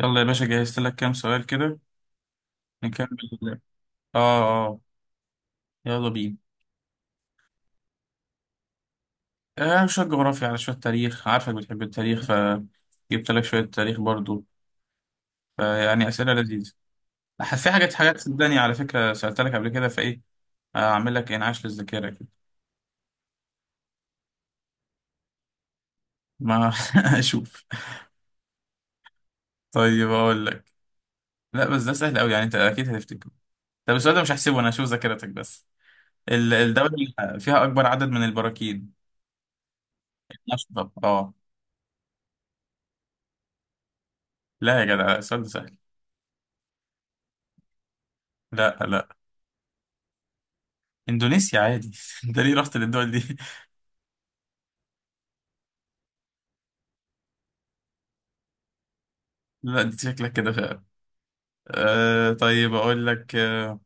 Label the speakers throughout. Speaker 1: يلا يا باشا، جهزت لك كام سؤال كده. نكمل. اه، اه. يلا بينا. شوية جغرافيا على شوية تاريخ، عارفك بتحب التاريخ فجبت لك شوية تاريخ برضو، فيعني أسئلة لذيذة. في حاجات صدقني، على فكرة سألت لك قبل كده فإيه. أعمل لك إنعاش للذاكرة كده. ما أشوف. طيب أقول لك. لا بس ده سهل أوي يعني، أنت أكيد هتفتكره. طب السؤال ده مش هحسبه، أنا هشوف ذاكرتك بس. الدولة اللي فيها أكبر عدد من البراكين. أشطب أه. لا يا جدع، السؤال ده سهل. لا، لا. اندونيسيا عادي انت ليه رحت للدول دي؟ لا انت شكلك كده فعلا. طيب اقول لك. آه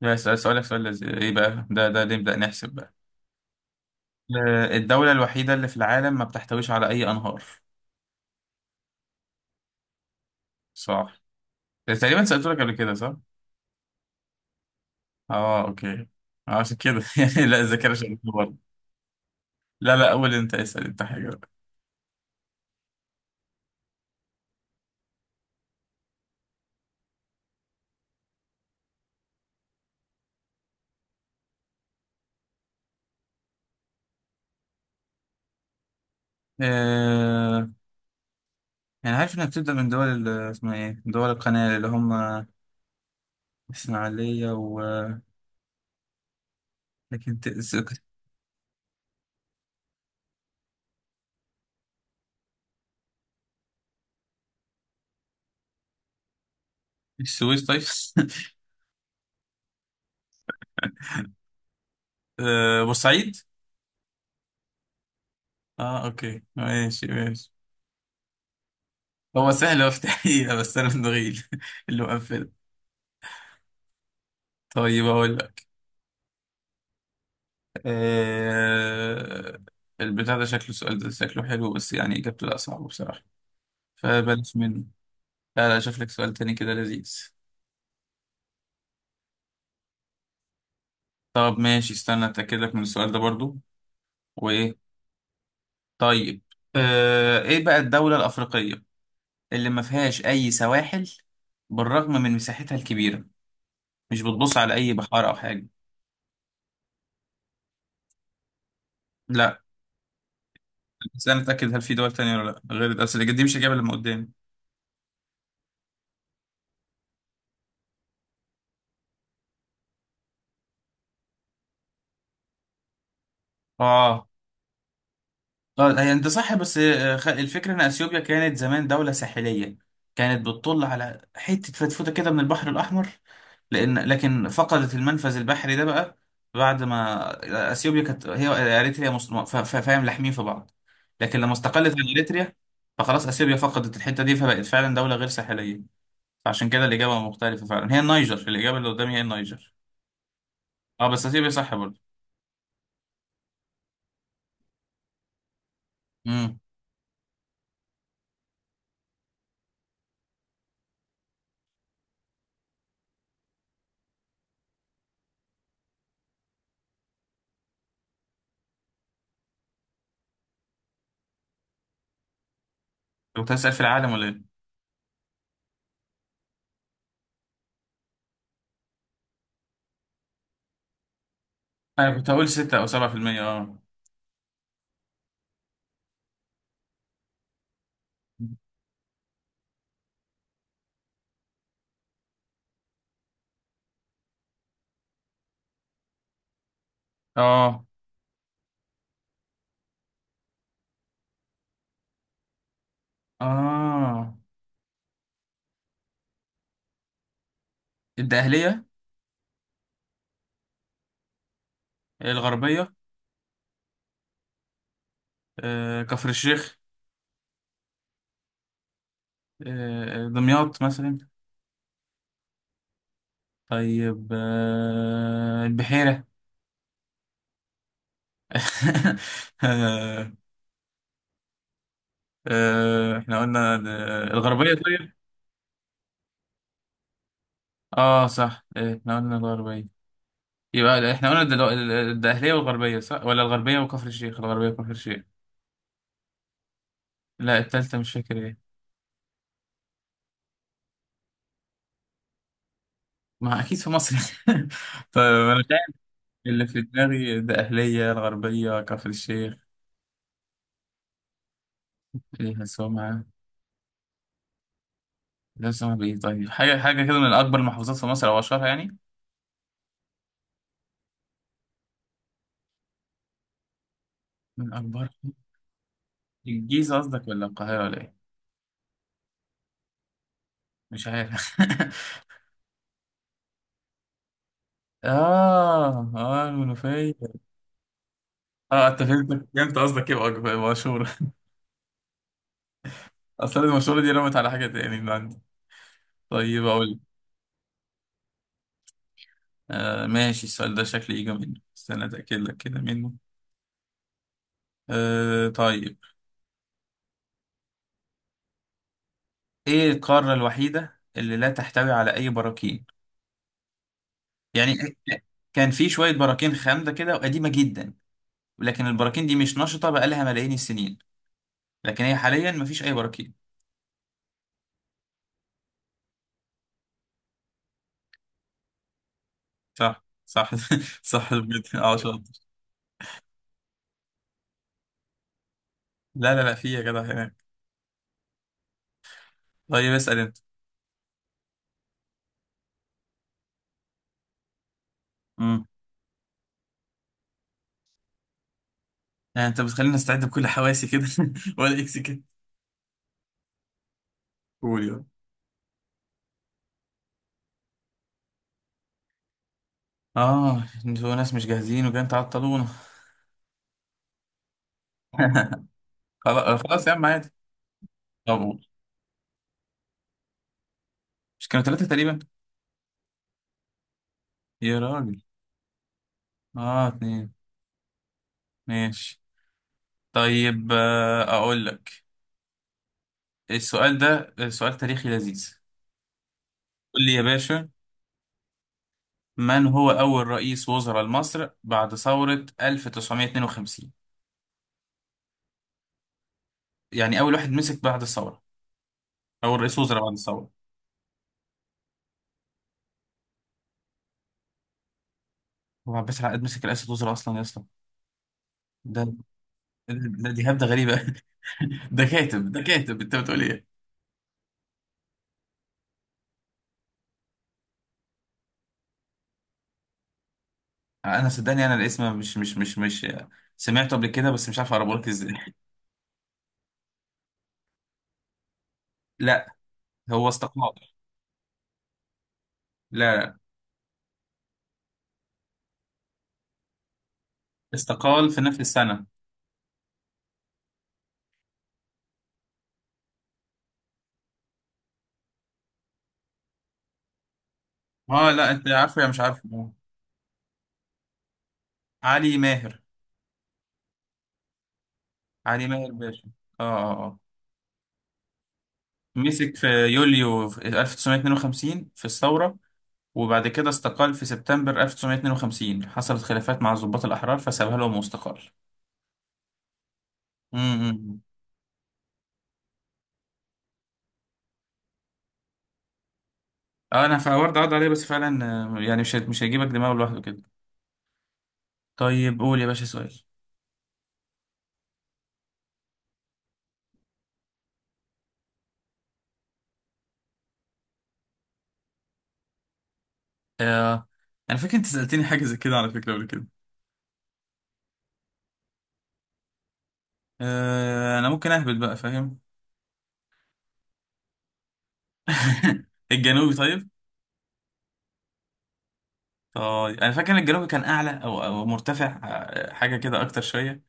Speaker 1: لا سؤالك سؤال لذيذ. ايه بقى، ده ليه؟ نبدأ نحسب بقى. الدولة الوحيدة اللي في العالم ما بتحتويش على اي انهار. صح. إيه، تقريبا سألت لك قبل كده، صح؟ اه، اوكي. عشان كده يعني، لا الذاكرة شغالة برضه. لا، لا، اول انت اسأل انت حاجة بقى. آه يعني عارف انها بتبدأ من دول اسمها ايه دول القناة اللي هم اسماعيلية و لكن السويس طيب. بورسعيد. اه، اوكي، ماشي، ماشي. هو سهل افتحيها، بس انا من دغيل اللي مقفله. طيب اقول لك. آه... البتاع ده شكله سؤال، ده شكله حلو، بس يعني اجابته لا صعبه بصراحه، فبلاش منه. لا، لا، اشوف لك سؤال تاني كده لذيذ. طب ماشي، استنى اتاكد لك من السؤال ده برضو. وايه. طيب. ايه بقى الدوله الافريقيه اللي ما فيهاش اي سواحل، بالرغم من مساحتها الكبيره، مش بتبص على اي بحار او حاجه. لا بس انا اتاكد، هل في دول تانية ولا لا؟ غير الاسئله دي مش الاجابه اللي قدامي. اه، طيب هي انت صح، بس الفكره ان اثيوبيا كانت زمان دوله ساحليه، كانت بتطل على حته فتفوته كده من البحر الاحمر، لكن فقدت المنفذ البحري ده بقى بعد ما اثيوبيا كانت هي، اريتريا فاهم لاحمين في بعض. لكن لما استقلت عن اريتريا، فخلاص اثيوبيا فقدت الحته دي فبقت فعلا دوله غير ساحليه. فعشان كده الاجابه مختلفه، فعلا هي النيجر، الاجابه اللي قدامي هي النيجر. اه بس اثيوبيا صح برضه. امم كنت هسأل، في العالم ولا ايه؟ انا كنت هقول 6 او 7% اه، اه، اه. الدقهلية. الغربية. كفر الشيخ. دمياط مثلا. طيب البحيرة. آه. احنا قلنا الغربية طيب. اه صح، احنا قلنا الغربية. يبقى احنا قلنا الدقهلية والغربية، صح؟ ولا الغربية وكفر الشيخ؟ الغربية وكفر الشيخ. لا التالتة مش فاكر ايه. ما اكيد في مصر. طيب انا اللي في دماغي ده أهلية الغربية كفر الشيخ. فيها سمعة. ده سمعة بإيه؟ طيب حاجة حاجة كده، من أكبر المحافظات في مصر أو أشهرها يعني. من أكبر. الجيزة قصدك ولا القاهرة ولا إيه؟ مش عارف المنوفية. أنت فهمت قصدك، إيه مشهورة. أصل المشهورة دي رمت على حاجة تاني من عندي. طيب أقول لك. ماشي، السؤال ده شكلي يجي منه، استنى أتأكد لك كده منه. طيب. إيه القارة الوحيدة اللي لا تحتوي على أي براكين؟ يعني كان في شوية براكين خامدة كده وقديمة جدا، لكن البراكين دي مش نشطة بقالها ملايين السنين، لكن هي حاليا مفيش أي براكين. صح، صح. صح بجد، اه شاطر. لا، لا، لا، في يا جدع هناك. طيب اسأل أنت. امم يعني أنت بتخليني أستعد بكل حواسي كده ولا إكس كده؟ قول يلا. أنتوا ناس مش جاهزين وجايين تعطلونا. خلاص، خلاص يا عم، عادي. طب قول. مش كانوا ثلاثة تقريبا؟ يا راجل. اه، اتنين. ماشي. طيب، أقول لك. السؤال ده سؤال تاريخي لذيذ. قول لي يا باشا. من هو أول رئيس وزراء لمصر بعد ثورة 1952؟ يعني أول واحد مسك بعد الثورة، أول رئيس وزراء بعد الثورة. هو عباس العقاد مسك رئاسة وزراء أصلا يا اسطى؟ ده ده دي هبدة غريبة. ده كاتب ده كاتب، أنت بتقول إيه؟ أنا صدقني، أنا الاسم مش سمعته قبل كده، بس مش عارف أقربه لك إزاي. لا، هو استقال. لا، لا، استقال في نفس السنة. اه، لا انت عارفه يا مش عارفه. علي ماهر. علي ماهر باشا. اه. اه، اه. مسك في يوليو في 1952 في الثورة، وبعد كده استقال في سبتمبر 1952، حصلت خلافات مع الضباط الأحرار فسابها لهم واستقال. امم اه انا فورد عض عليه بس فعلا. يعني مش هيجيبك دماغه لوحده كده. طيب قول يا باشا سؤال. آه انا فاكر انت سألتني حاجة زي كده على فكرة قبل كده. انا ممكن اهبط بقى، فاهم؟ الجنوبي طيب. طيب انا فاكر ان الجنوبي كان اعلى او مرتفع، حاجة كده اكتر شوية.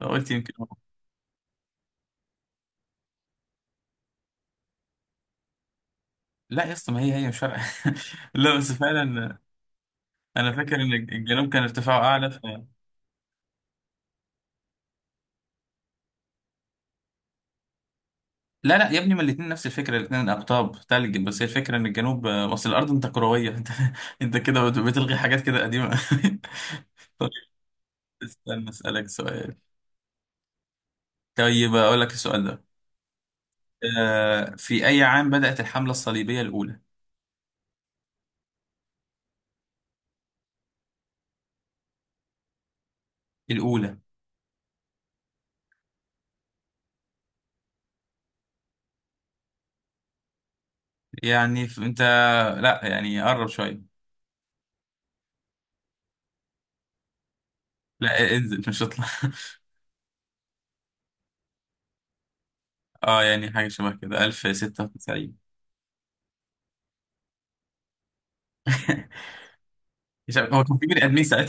Speaker 1: قلت يمكن هو. لا يا اسطى، ما هي هي مش فارقه. لا بس فعلا. انا فاكر ان الجنوب كان ارتفاعه اعلى. لا، لا يا ابني، ما الاثنين نفس الفكره، الاثنين اقطاب ثلج، بس هي الفكره ان الجنوب اصل الارض انت كرويه انت كده بتلغي حاجات كده قديمه. طيب استنى اسالك سؤال. طيب اقول لك السؤال ده. في اي عام بدات الحمله الصليبيه الاولى؟ الاولى. يعني انت. لا يعني قرب شويه. لا انزل مش اطلع. اه يعني حاجه شبه كده، 1096. مش هو كان في بني ادمين ساعتها؟